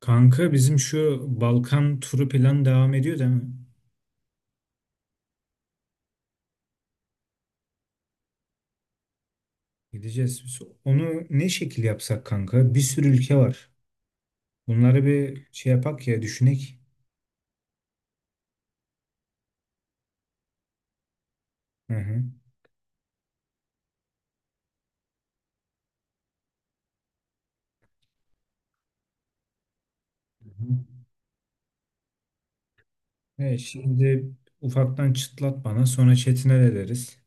Kanka bizim şu Balkan turu plan devam ediyor değil mi? Gideceğiz biz. Onu ne şekil yapsak kanka? Bir sürü ülke var. Bunları bir şey yapak ya düşünek. Hı hı. Hı hı. Evet, şimdi ufaktan çıtlat bana sonra Çetin'e de deriz.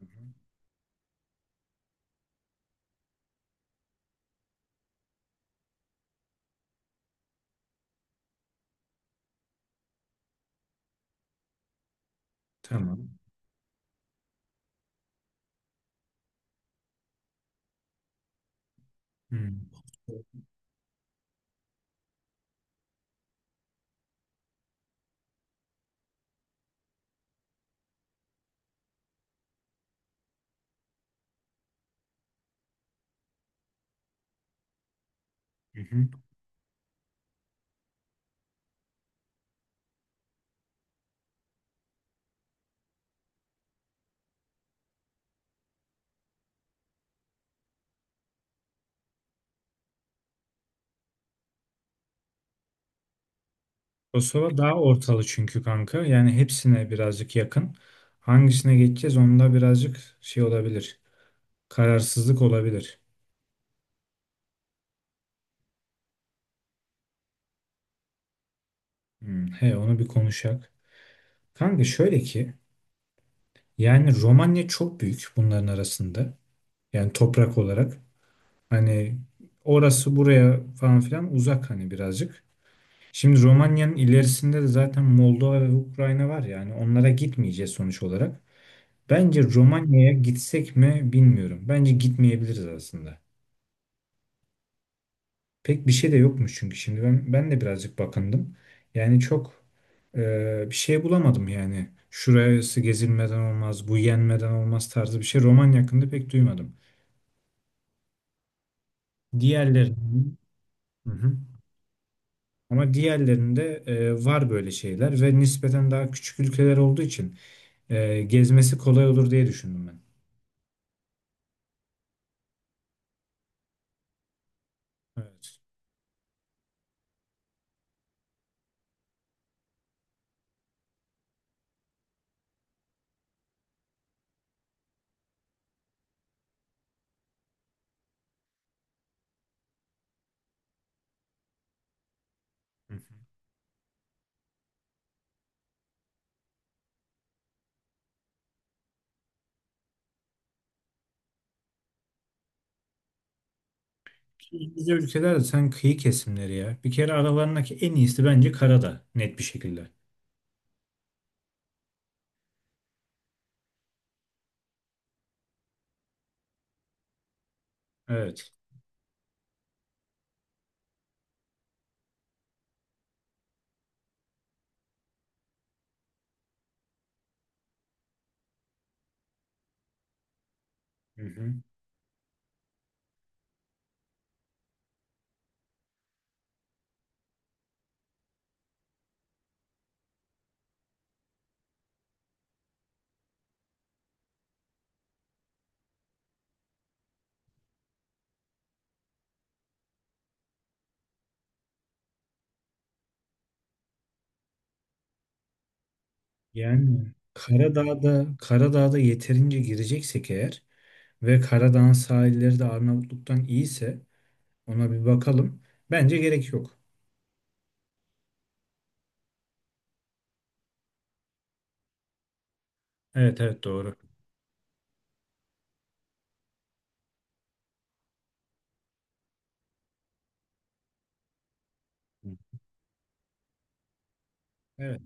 Hı hı. Tamam. Hı. Hı hı. Kosova daha ortalı çünkü kanka. Yani hepsine birazcık yakın. Hangisine geçeceğiz onda birazcık şey olabilir. Kararsızlık olabilir. Hı. He onu bir konuşak. Kanka şöyle ki, yani Romanya çok büyük bunların arasında. Yani toprak olarak. Hani orası buraya falan filan uzak hani birazcık. Şimdi Romanya'nın ilerisinde de zaten Moldova ve Ukrayna var, yani onlara gitmeyeceğiz sonuç olarak. Bence Romanya'ya gitsek mi bilmiyorum. Bence gitmeyebiliriz aslında. Pek bir şey de yokmuş çünkü şimdi ben de birazcık bakındım. Yani çok bir şey bulamadım yani. Şurası gezilmeden olmaz, bu yenmeden olmaz tarzı bir şey Romanya hakkında pek duymadım. Diğerlerinin. Hı hı. Ama diğerlerinde var böyle şeyler ve nispeten daha küçük ülkeler olduğu için gezmesi kolay olur diye düşündüm ben. Evet. Hı hı. ki bize ülkeler de sen kıyı kesimleri ya. Bir kere aralarındaki en iyisi bence Karadağ net bir şekilde. Evet. Hı hı. Yani Karadağ'da yeterince gireceksek eğer ve Karadağ'ın sahilleri de Arnavutluk'tan iyiyse ona bir bakalım. Bence gerek yok. Evet, evet, doğru. Hı. Evet.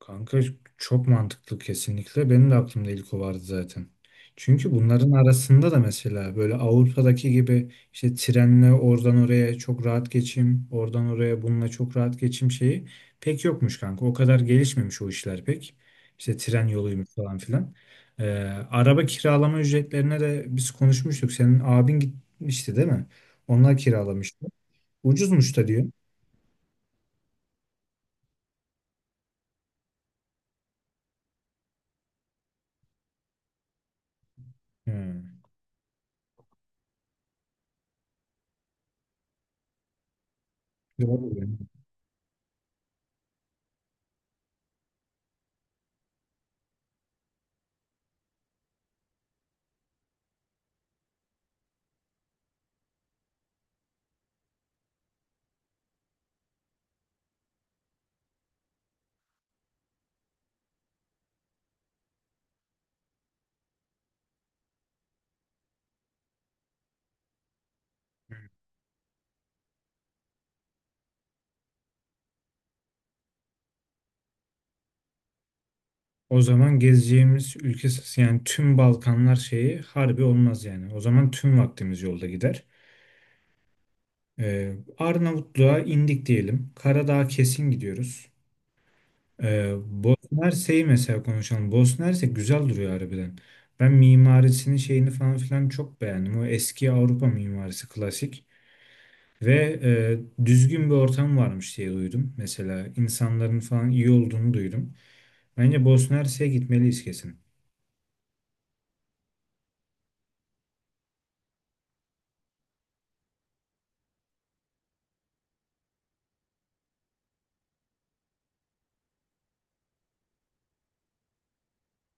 Kanka çok mantıklı kesinlikle. Benim de aklımda ilk o vardı zaten. Çünkü bunların arasında da mesela böyle Avrupa'daki gibi işte trenle oradan oraya çok rahat geçim, oradan oraya bununla çok rahat geçim şeyi pek yokmuş kanka. O kadar gelişmemiş o işler pek. İşte tren yoluymuş falan filan. Ee, Araba kiralama ücretlerine de biz konuşmuştuk. Senin abin gitmişti değil mi? Onlar kiralamıştı. Ucuzmuş da diyor. Hmm. Doğru. O zaman gezeceğimiz ülke, yani tüm Balkanlar şeyi harbi olmaz yani. O zaman tüm vaktimiz yolda gider. Arnavutluğa indik diyelim. Karadağ'a kesin gidiyoruz. Bosna Hersek'i mesela konuşalım. Bosna Hersek güzel duruyor harbiden. Ben mimarisinin şeyini falan filan çok beğendim. O eski Avrupa mimarisi klasik. Ve düzgün bir ortam varmış diye duydum. Mesela insanların falan iyi olduğunu duydum. Bence Bosna Hersek'e gitmeliyiz kesin.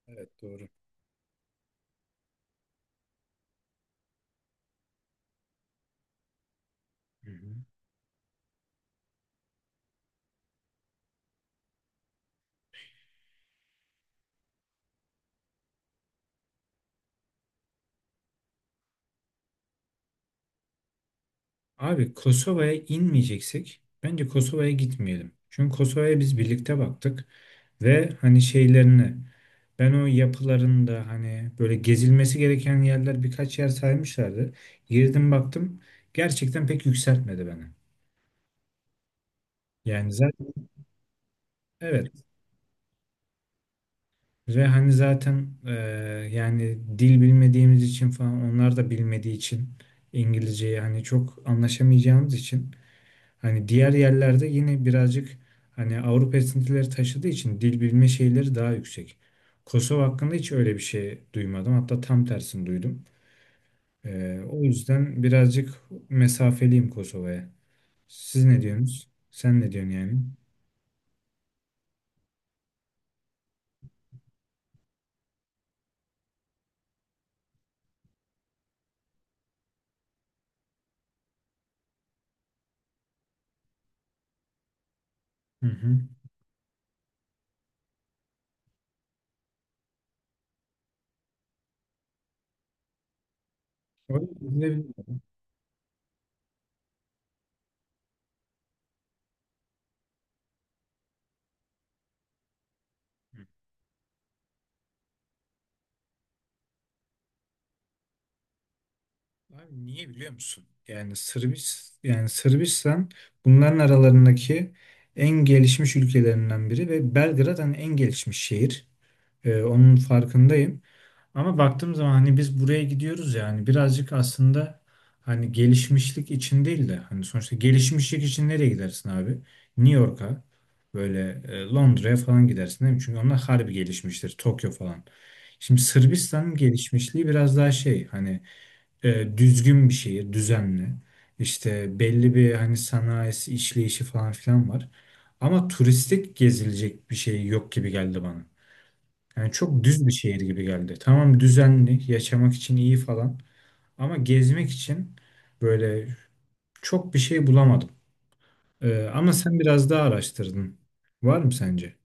Evet, doğru. Hı hı. Abi Kosova'ya inmeyeceksek bence Kosova'ya gitmeyelim. Çünkü Kosova'ya biz birlikte baktık ve hani şeylerini ben o yapılarında hani böyle gezilmesi gereken yerler birkaç yer saymışlardı. Girdim baktım gerçekten pek yükseltmedi beni. Yani zaten evet ve hani zaten yani dil bilmediğimiz için falan, onlar da bilmediği için, İngilizceyi hani çok anlaşamayacağımız için, hani diğer yerlerde yine birazcık hani Avrupa esintileri taşıdığı için dil bilme şeyleri daha yüksek. Kosova hakkında hiç öyle bir şey duymadım. Hatta tam tersini duydum. O yüzden birazcık mesafeliyim Kosova'ya. Siz ne diyorsunuz? Sen ne diyorsun yani? Hı hı. O ne. Abi niye biliyor musun? Yani Sırbistan bunların aralarındaki en gelişmiş ülkelerinden biri ve Belgrad hani en gelişmiş şehir. Onun farkındayım. Ama baktığım zaman hani biz buraya gidiyoruz yani birazcık aslında, hani gelişmişlik için değil de, hani sonuçta gelişmişlik için nereye gidersin abi? New York'a, böyle Londra'ya falan gidersin değil mi? Çünkü onlar harbi gelişmiştir. Tokyo falan. Şimdi Sırbistan'ın gelişmişliği biraz daha şey hani, düzgün bir şehir, düzenli. İşte belli bir hani sanayisi, işleyişi falan filan var. Ama turistik gezilecek bir şey yok gibi geldi bana. Yani çok düz bir şehir gibi geldi. Tamam, düzenli, yaşamak için iyi falan. Ama gezmek için böyle çok bir şey bulamadım. Ama sen biraz daha araştırdın. Var mı sence?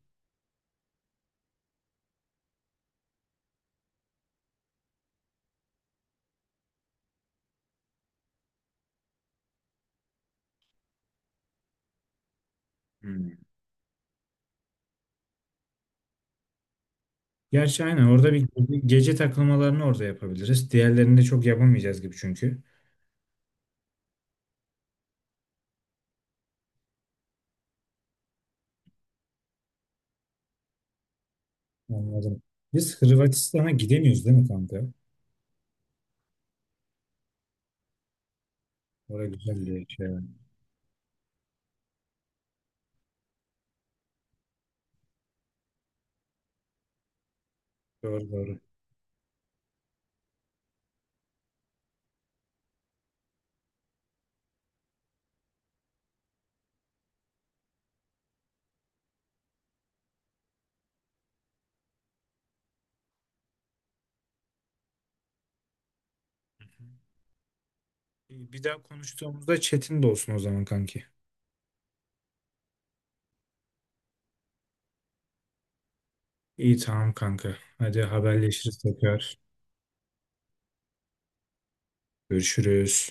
Hmm. Gerçi aynen orada bir gece takılmalarını orada yapabiliriz. Diğerlerini de çok yapamayacağız gibi çünkü. Anladım. Biz Hırvatistan'a gidemiyoruz değil mi kanka? Orada güzel bir şey var. Doğru, doğru. Bir daha konuştuğumuzda Çetin de olsun o zaman kanki. İyi, tamam kanka. Hadi, haberleşiriz tekrar. Görüşürüz.